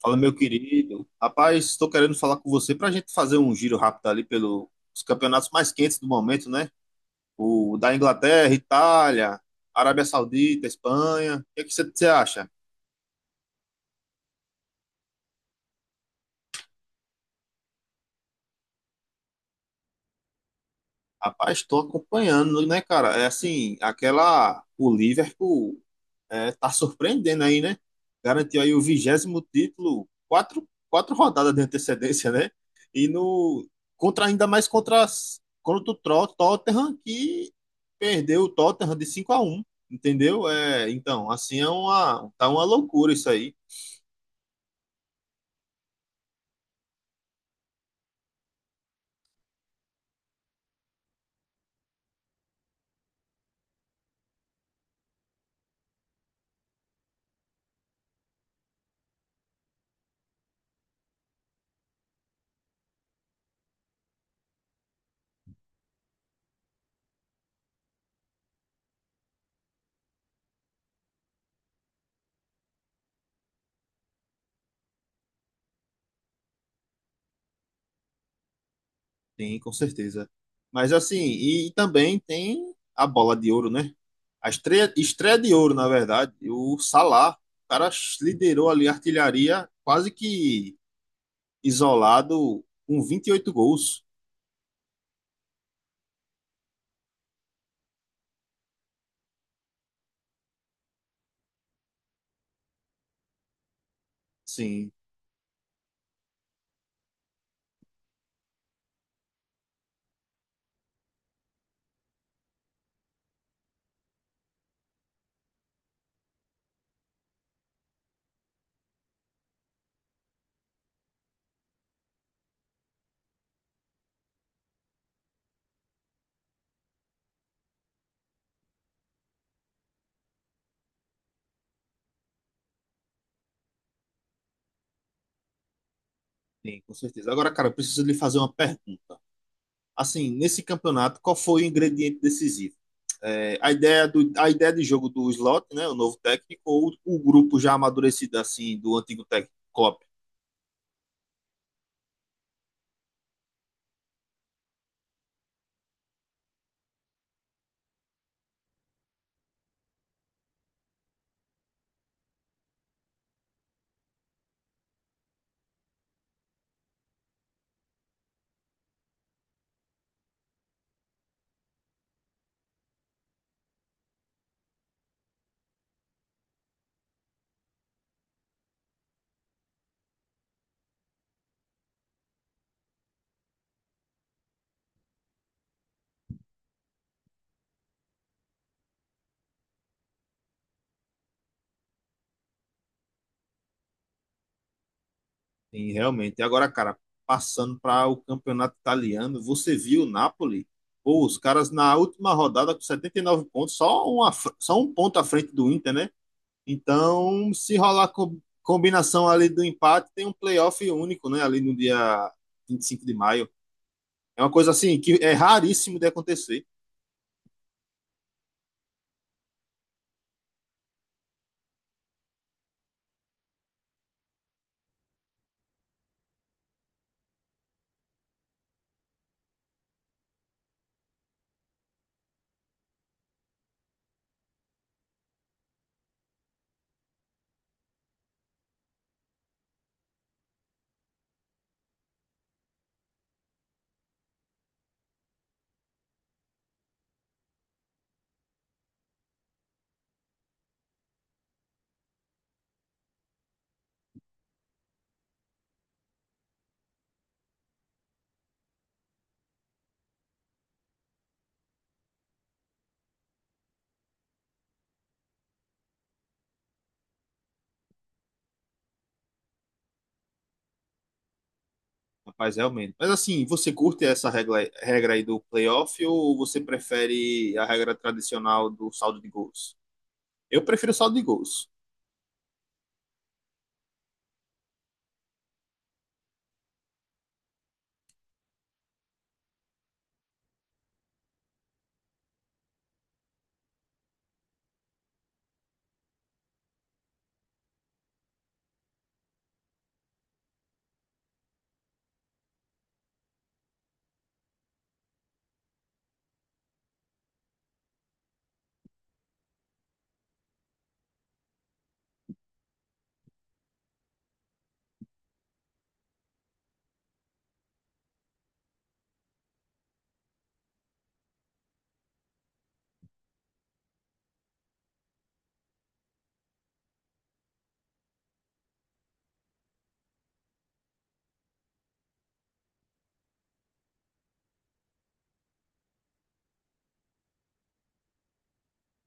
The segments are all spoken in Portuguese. Fala, meu querido. Rapaz, estou querendo falar com você para a gente fazer um giro rápido ali pelos campeonatos mais quentes do momento, né? O da Inglaterra, Itália, Arábia Saudita, Espanha. O que é que você acha? Rapaz, estou acompanhando, né, cara? É assim, aquela. O Liverpool é, tá surpreendendo aí, né? Garantiu aí o 20º título, quatro rodadas de antecedência, né? E no. Contra, ainda mais contra, contra o Tottenham, que perdeu o Tottenham de 5-1, entendeu? É, então, assim, tá uma loucura isso aí. Tem, com certeza. Mas assim, e, também tem a bola de ouro, né? A estreia de ouro, na verdade. O Salah, o cara liderou ali a artilharia quase que isolado com 28 gols. Sim, sim, com certeza. Agora, cara, eu preciso lhe fazer uma pergunta. Assim, nesse campeonato, qual foi o ingrediente decisivo? É, a ideia de jogo do Slot, né, o novo técnico, ou o grupo já amadurecido assim do antigo técnico Klopp? Sim, realmente. E agora, cara, passando para o campeonato italiano, você viu o Napoli? Pô, os caras na última rodada com 79 pontos, só, só um ponto à frente do Inter, né? Então, se rolar co combinação ali do empate, tem um playoff único, né? Ali no dia 25 de maio. É uma coisa assim que é raríssimo de acontecer, rapaz, realmente. Mas assim, você curte essa regra aí do playoff ou você prefere a regra tradicional do saldo de gols? Eu prefiro saldo de gols.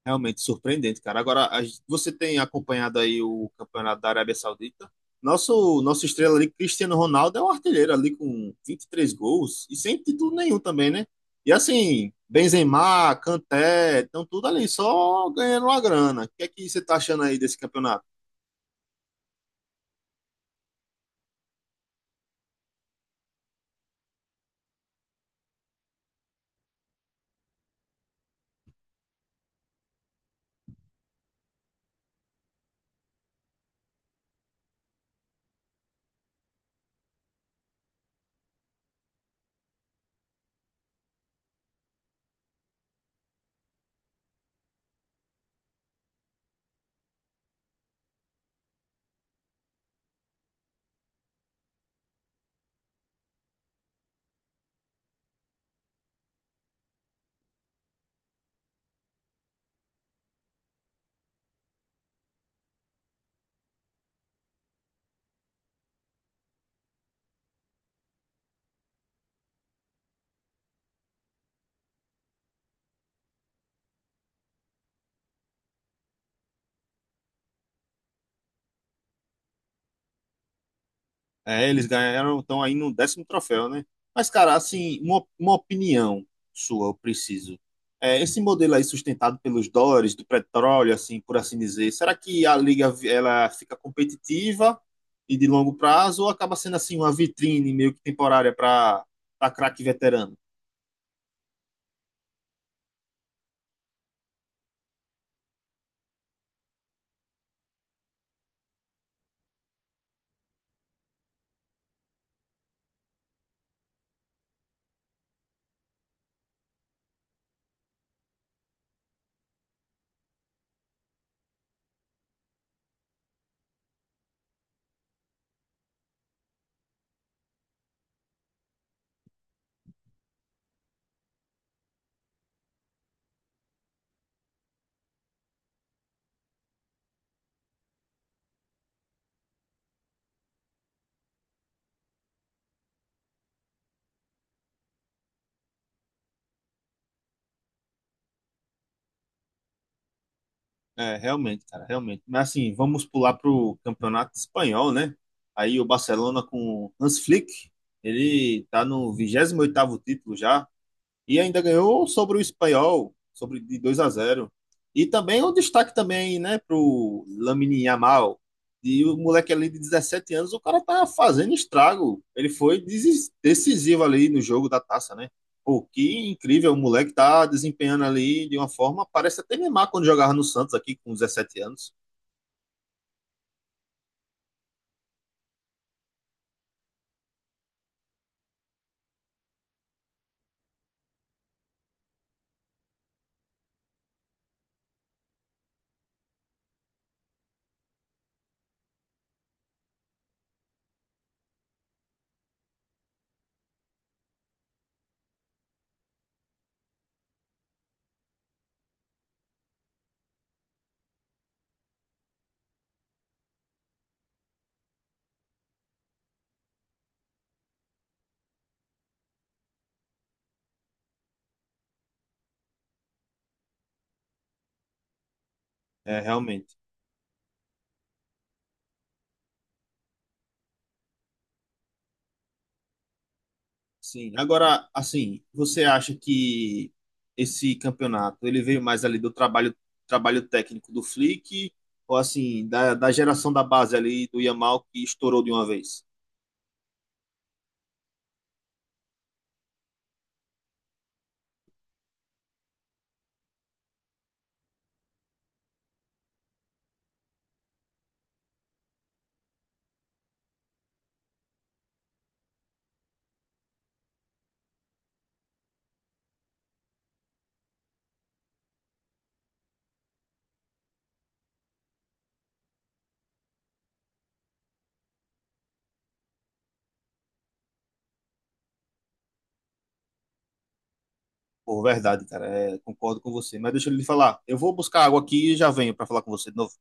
Realmente surpreendente, cara. Agora, a gente- você tem acompanhado aí o campeonato da Arábia Saudita? Nosso estrela ali, Cristiano Ronaldo, é um artilheiro ali com 23 gols e sem título nenhum também, né? E assim, Benzema, Kanté, estão tudo ali só ganhando uma grana. O que é que você tá achando aí desse campeonato? É, eles ganharam, estão aí no 10º troféu, né? Mas, cara, assim, uma opinião sua, eu preciso. É, esse modelo aí sustentado pelos dólares, do petróleo, assim, por assim dizer, será que a liga ela fica competitiva e de longo prazo ou acaba sendo assim uma vitrine meio que temporária para craque veterano? É, realmente, cara, realmente. Mas assim, vamos pular pro campeonato espanhol, né? Aí o Barcelona com Hans Flick, ele tá no 28º título já. E ainda ganhou sobre o espanhol, sobre de 2-0. E também o destaque também, né, pro Lamine Yamal. E o moleque ali de 17 anos, o cara tá fazendo estrago. Ele foi decisivo ali no jogo da taça, né? Pô, que incrível, o moleque tá desempenhando ali de uma forma, parece até Neymar quando jogava no Santos aqui com 17 anos. É, realmente. Sim. Agora, assim, você acha que esse campeonato ele veio mais ali do trabalho técnico do Flick ou assim da geração da base ali do Yamal que estourou de uma vez? Por verdade, cara, é, concordo com você. Mas deixa ele falar. Eu vou buscar água aqui e já venho para falar com você de novo.